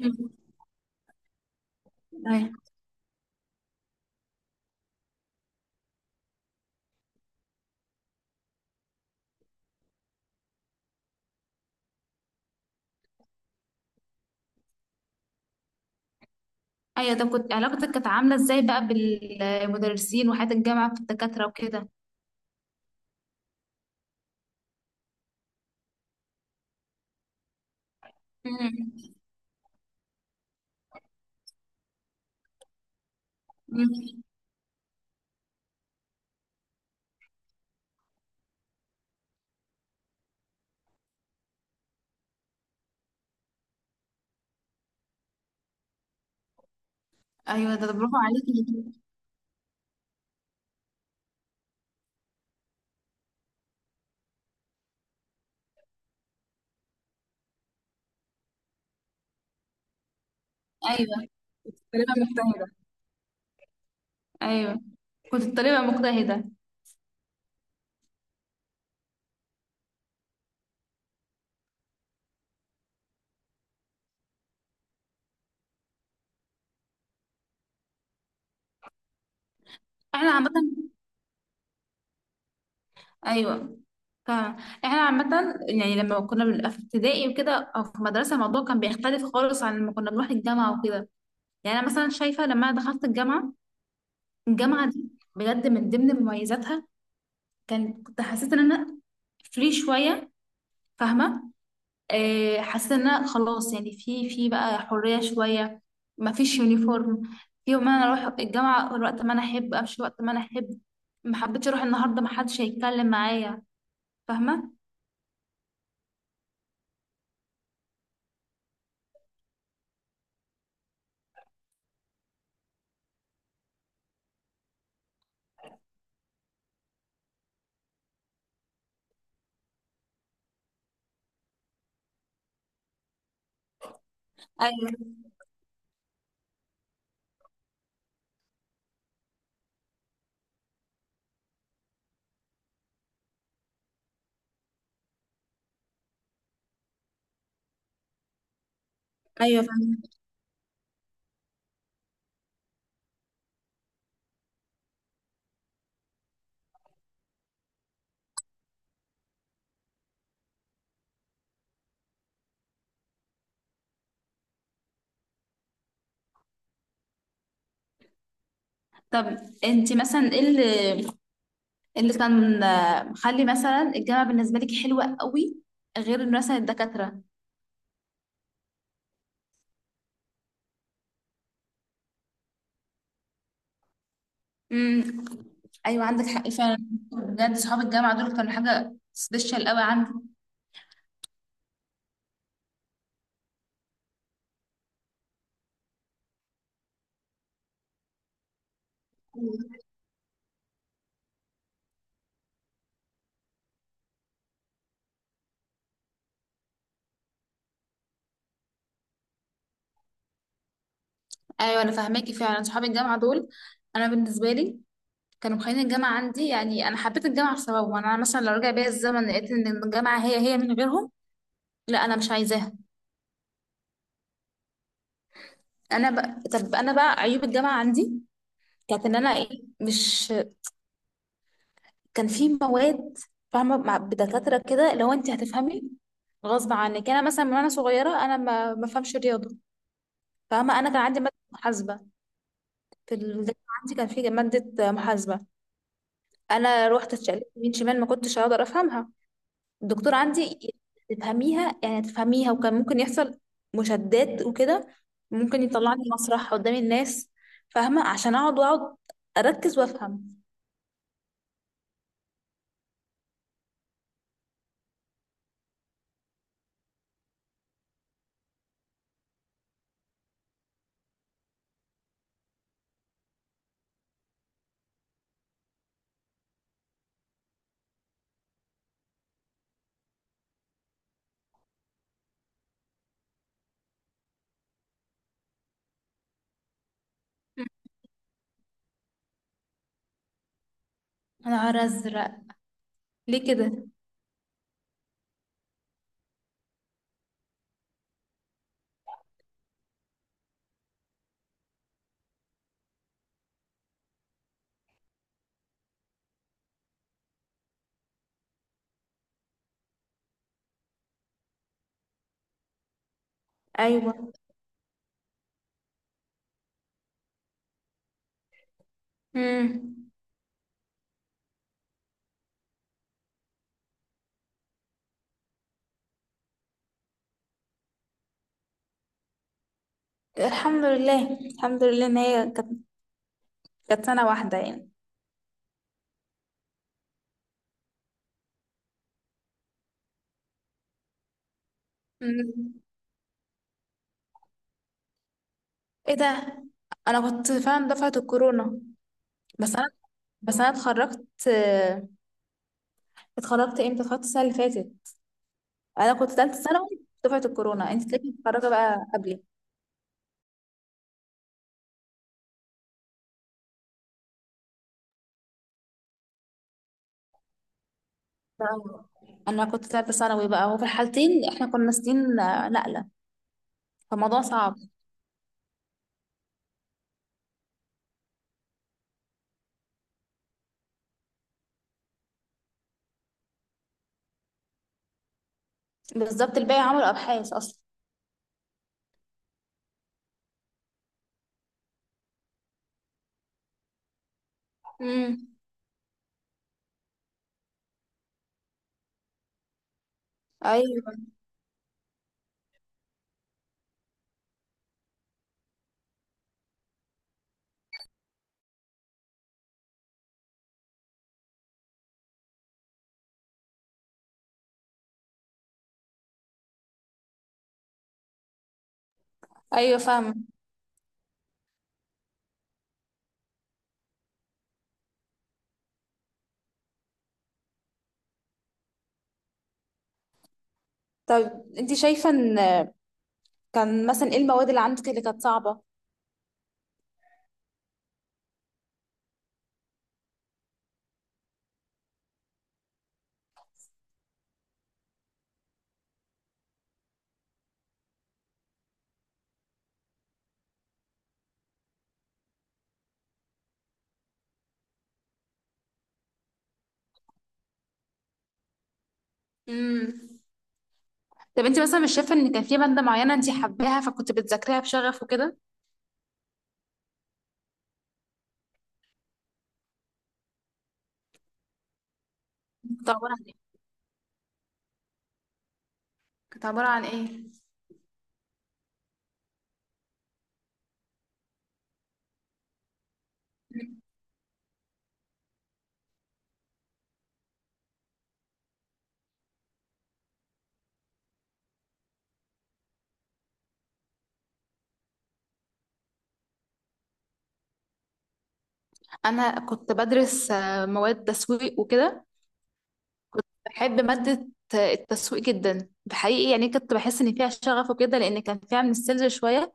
مم. ايوه، ايوه، طب علاقتك كانت عامله ازاي بقى بالمدرسين وحياه الجامعه في الدكاتره وكده؟ مم. مم. ايوه، ده برافو عليكي. ايوه، كنت طالبه مجتهده. ايوه، كنت طالبه مجتهده. احنا عامه. ايوه، فاهمة. احنا عامه، يعني لما كنا بنبقى في ابتدائي وكده او في مدرسه الموضوع كان بيختلف خالص عن لما كنا بنروح الجامعه وكده. يعني انا مثلا شايفه لما انا دخلت الجامعه، الجامعه دي بجد من ضمن مميزاتها كنت حسيت ان انا فري شويه. فاهمه؟ حسيت ان أنا خلاص، يعني في بقى حريه شويه. ما فيش يونيفورم. في يوم انا اروح الجامعه وقت ما انا احب، امشي وقت ما انا احب. ما حبيتش اروح النهارده، ما حدش هيتكلم معايا. فاهمه؟ ايوه، ايوه، فاهمة. طب انت مثلا ايه اللي إيه اللي كان مخلي مثلا الجامعه بالنسبه لك حلوه قوي غير مثلا الدكاتره؟ امم. ايوه، عندك حق فعلا. بجد صحاب الجامعه دول كانوا حاجه سبيشال قوي عندي. ايوه، انا فاهماكي فعلا. صحاب الجامعه دول انا بالنسبه لي كانوا مخلين الجامعه عندي، يعني انا حبيت الجامعه بسببهم. يعني انا مثلا لو رجع بيا الزمن لقيت ان الجامعه هي هي من غيرهم، لا انا مش عايزاها. انا بقى، طب، انا بقى عيوب الجامعه عندي كانت ان انا ايه، مش كان في مواد فاهمه مع بدكاتره كده لو انت هتفهمي غصب عنك. يعني انا مثلا من وانا صغيره انا ما بفهمش رياضه. فاهمه؟ انا كان عندي ماده محاسبه في الجامعه. عندي كان في ماده محاسبه، انا روحت اتشقلبت يمين شمال ما كنتش هقدر افهمها. الدكتور عندي تفهميها يعني تفهميها، وكان ممكن يحصل مشادات وكده، ممكن يطلعني مسرح قدام الناس. فاهمة؟ عشان اقعد واقعد اركز وافهم. يا نهار ازرق! ليه كده؟ ايوه. امم. الحمد لله، الحمد لله، ان هي كانت كانت سنة واحدة يعني. مم. ايه ده؟ انا كنت فعلا دفعة الكورونا، بس انا بس انا اتخرجت. اتخرجت امتى؟ اتخرجت السنة اللي فاتت. انا كنت ثالثه ثانوي، دفعه الكورونا انت تلاقيكي متخرجه بقى قبلي. آه. انا كنت ثالثه ثانوي بقى، وفي الحالتين احنا كنا سنين نقله، فالموضوع صعب. بالظبط الباقي عملوا ابحاث اصلا. امم. ايوه، ايوه، فاهمه. طيب انت شايفه ان كان مثلا ايه المواد اللي عندك اللي كانت صعبه؟ امم. طب انت مثلا مش شايفه ان كان في ماده معينه انت حباها فكنت بتذاكريها بشغف وكده؟ كنت عباره عن ايه كانت عبارة عن ايه؟ انا كنت بدرس مواد تسويق وكده. بحب مادة التسويق جدا بحقيقي، يعني كنت بحس ان فيها شغف وكده لان كان فيها من السيلز شوية.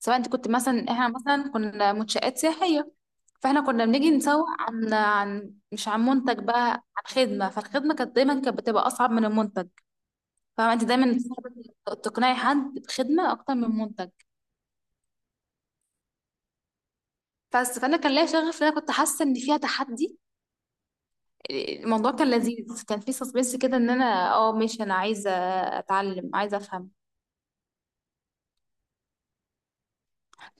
سواء انت كنت مثلا، احنا مثلا كنا منشآت سياحية، فاحنا كنا بنيجي نسوق عن مش عن منتج بقى، عن خدمة. فالخدمة كانت دايما كانت بتبقى أصعب من المنتج. فاهمة؟ انت دايما صعب تقنعي حد بخدمة أكتر من منتج. بس فأنا كان ليا شغف، لأن أنا كنت حاسة إن فيها تحدي. الموضوع كان لذيذ، كان فيه سسبنس كده، إن أنا اه ماشي، أنا عايزة أتعلم، عايزة أفهم.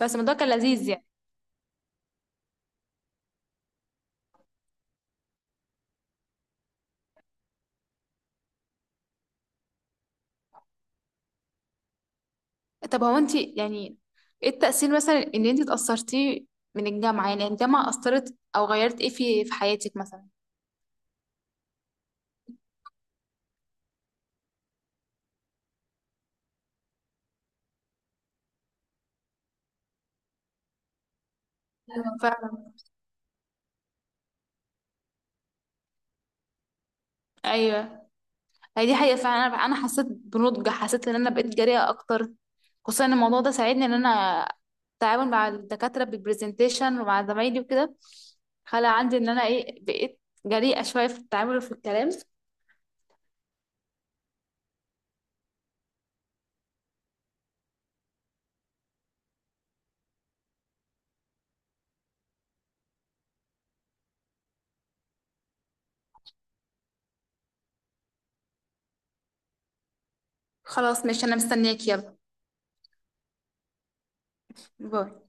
بس الموضوع كان لذيذ يعني. طب هو انت يعني ايه التأثير مثلا اللي انت اتأثرتيه من الجامعة؟ يعني الجامعة أثرت أو غيرت ايه في حياتك مثلا؟ أيوة، فعلا. أيوه. هي دي حقيقة فعلا. أنا حسيت بنضج، حسيت إن أنا بقيت جريئة أكتر. خصوصا إن الموضوع ده ساعدني إن أنا التعامل مع الدكاترة بالبرزنتيشن ومع زمايلي وكده خلى عندي إن أنا ايه، بقيت جريئة شوية في التعامل وفي الكلام. خلاص، ماشي، أنا مستنياك. يلا، باي.